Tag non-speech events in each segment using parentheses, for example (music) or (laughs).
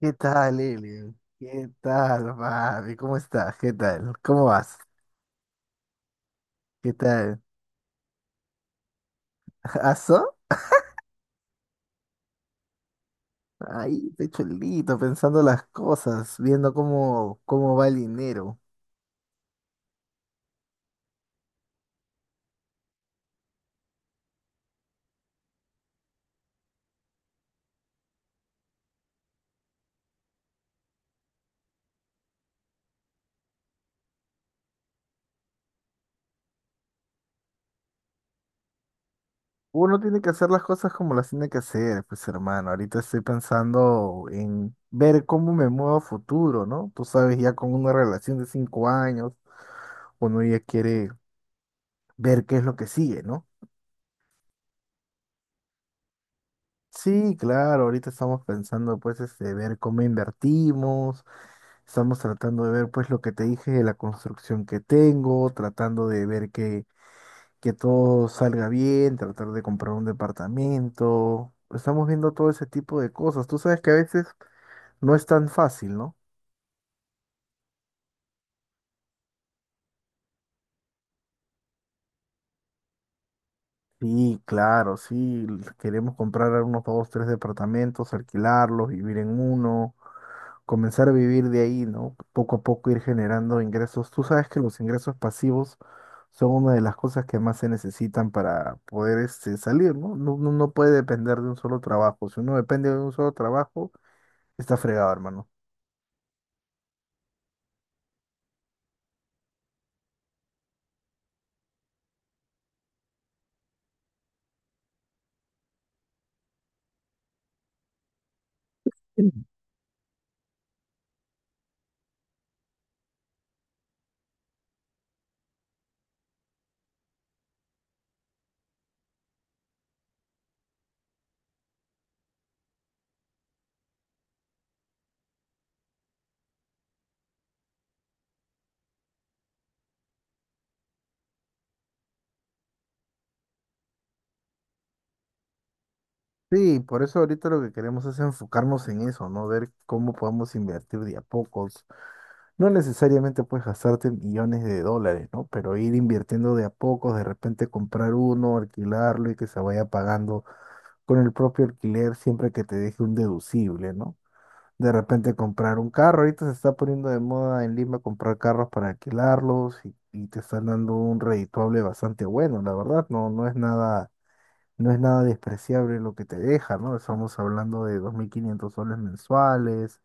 ¿Qué tal, Eli? ¿Qué tal, papi? ¿Cómo estás? ¿Qué tal? ¿Cómo vas? ¿Qué tal? (laughs) ¿Aso? Ahí, pechuelito, pensando las cosas, viendo cómo va el dinero. Uno tiene que hacer las cosas como las tiene que hacer, pues hermano. Ahorita estoy pensando en ver cómo me muevo a futuro, ¿no? Tú sabes, ya con una relación de 5 años, uno ya quiere ver qué es lo que sigue, ¿no? Sí, claro, ahorita estamos pensando ver cómo invertimos, estamos tratando de ver pues lo que te dije de la construcción que tengo, tratando de ver que todo salga bien, tratar de comprar un departamento, estamos viendo todo ese tipo de cosas. Tú sabes que a veces no es tan fácil, ¿no? Sí, claro, sí, queremos comprar unos dos, tres departamentos, alquilarlos, vivir en uno, comenzar a vivir de ahí, ¿no? Poco a poco ir generando ingresos. Tú sabes que los ingresos pasivos son una de las cosas que más se necesitan para poder salir, ¿no? No puede depender de un solo trabajo. Si uno depende de un solo trabajo, está fregado, hermano. Sí, por eso ahorita lo que queremos es enfocarnos en eso, ¿no? Ver cómo podemos invertir de a pocos. No necesariamente puedes gastarte millones de dólares, ¿no? Pero ir invirtiendo de a pocos, de repente comprar uno, alquilarlo y que se vaya pagando con el propio alquiler siempre que te deje un deducible, ¿no? De repente comprar un carro, ahorita se está poniendo de moda en Lima comprar carros para alquilarlos y te están dando un redituable bastante bueno, la verdad, no es nada, no es nada despreciable lo que te deja, ¿no? Estamos hablando de 2500 soles mensuales,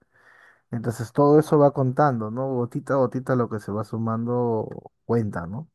entonces todo eso va contando, ¿no? Gotita a gotita lo que se va sumando cuenta, ¿no?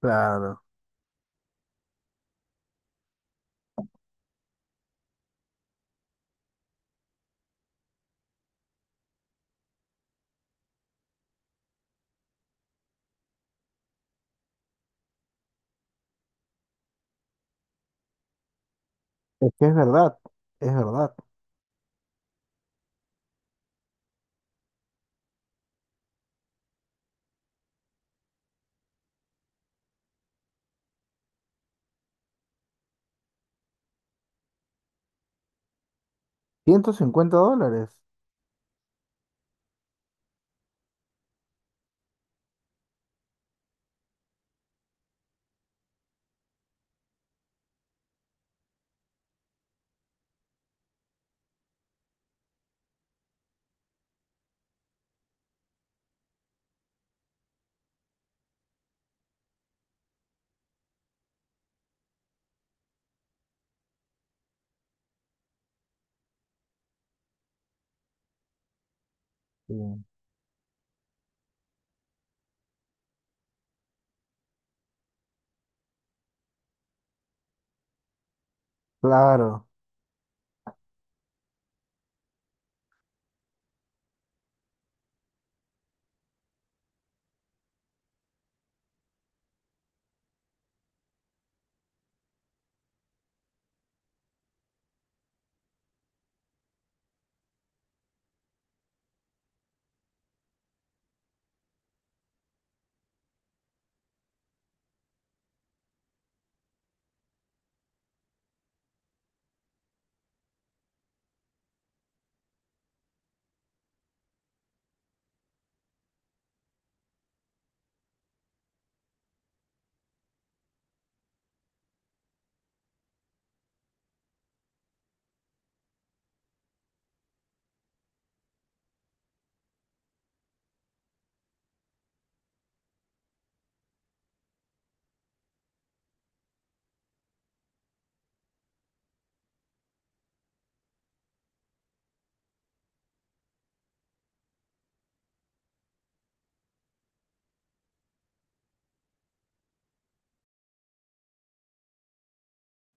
Claro, es que es verdad, es verdad. 150 dólares. Sí. Claro.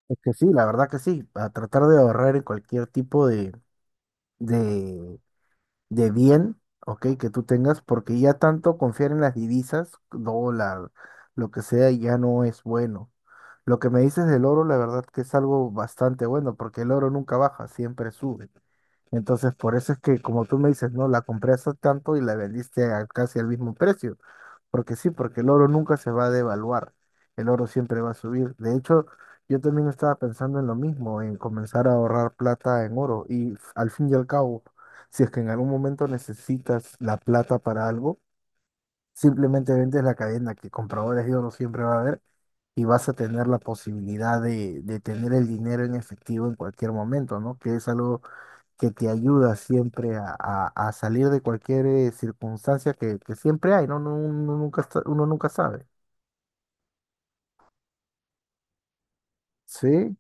Es que sí, la verdad que sí, a tratar de ahorrar en cualquier tipo de, de bien, ok, que tú tengas, porque ya tanto confiar en las divisas, dólar, lo que sea, ya no es bueno. Lo que me dices del oro, la verdad que es algo bastante bueno, porque el oro nunca baja, siempre sube. Entonces, por eso es que, como tú me dices, no, la compré hace tanto y la vendiste a casi al mismo precio. Porque sí, porque el oro nunca se va a devaluar. El oro siempre va a subir. De hecho, yo también estaba pensando en lo mismo, en comenzar a ahorrar plata en oro. Al fin y al cabo, si es que en algún momento necesitas la plata para algo, simplemente vendes la cadena, que compradores de oro siempre va a haber, y vas a tener la posibilidad de tener el dinero en efectivo en cualquier momento, ¿no? Que es algo que te ayuda siempre a salir de cualquier circunstancia que siempre hay, ¿no? Uno nunca está- uno nunca sabe. Sí,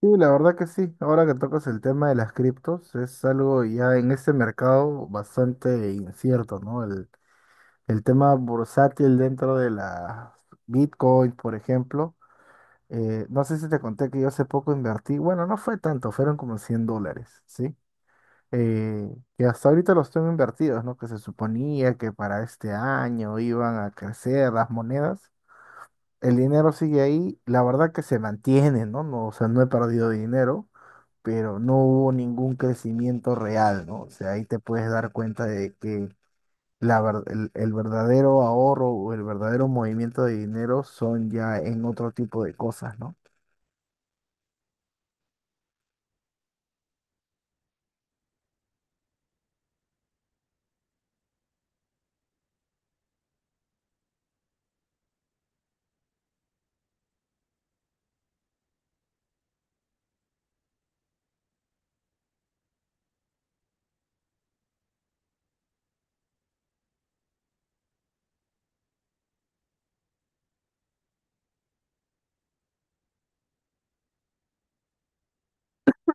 sí, la verdad que sí. Ahora que tocas el tema de las criptos, es algo ya en este mercado bastante incierto, ¿no? El tema bursátil dentro de la Bitcoin, por ejemplo. No sé si te conté que yo hace poco invertí, bueno, no fue tanto, fueron como 100 dólares, ¿sí? eh, que hasta ahorita los tengo invertidos, ¿no? Que se suponía que para este año iban a crecer las monedas. El dinero sigue ahí, la verdad que se mantiene, ¿no? No, o sea, no he perdido dinero, pero no hubo ningún crecimiento real, ¿no? O sea, ahí te puedes dar cuenta de que el verdadero ahorro o el verdadero movimiento de dinero son ya en otro tipo de cosas, ¿no?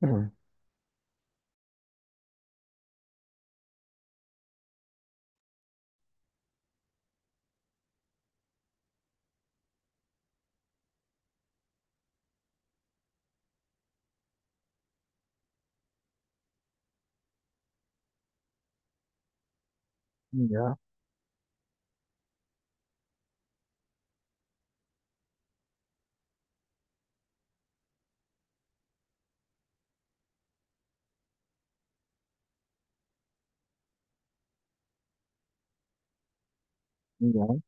Mm. Ya, ya.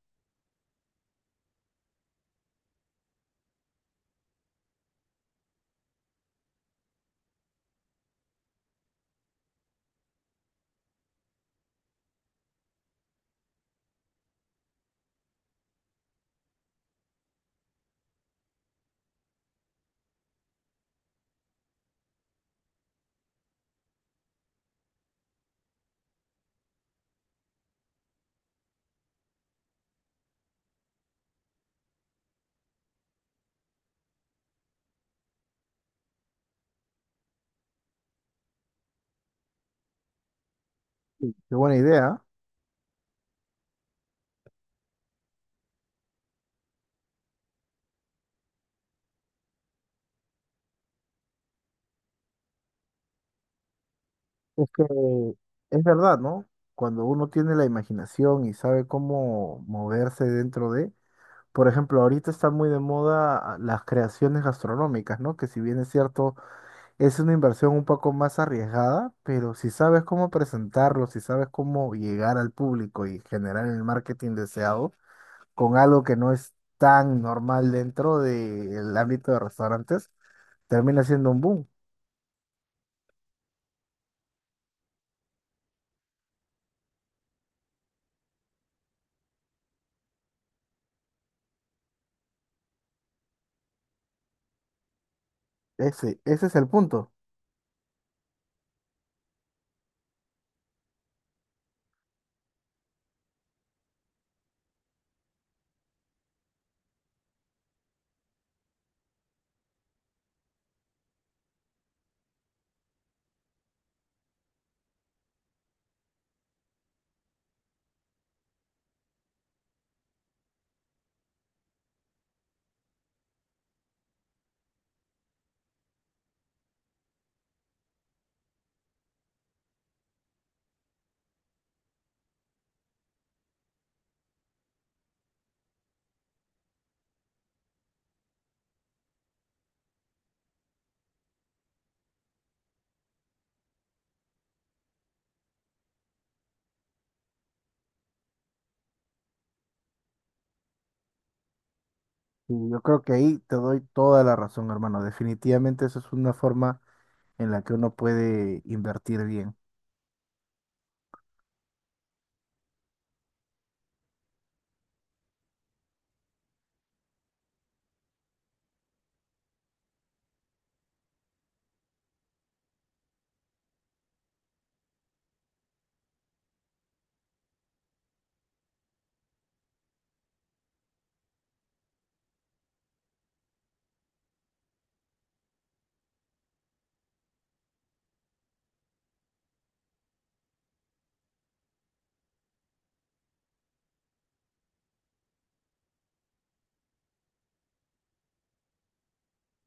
Sí, qué buena idea. Es que es verdad, ¿no? Cuando uno tiene la imaginación y sabe cómo moverse dentro de, por ejemplo, ahorita está muy de moda las creaciones gastronómicas, ¿no? Que si bien es cierto, es una inversión un poco más arriesgada, pero si sabes cómo presentarlo, si sabes cómo llegar al público y generar el marketing deseado con algo que no es tan normal dentro del ámbito de restaurantes, termina siendo un boom. Ese es el punto. Y yo creo que ahí te doy toda la razón, hermano. Definitivamente esa es una forma en la que uno puede invertir bien.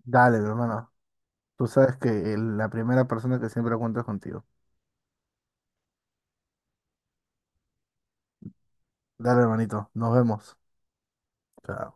Dale, hermano. Tú sabes que la primera persona que siempre cuenta es contigo. Dale, hermanito. Nos vemos. Chao.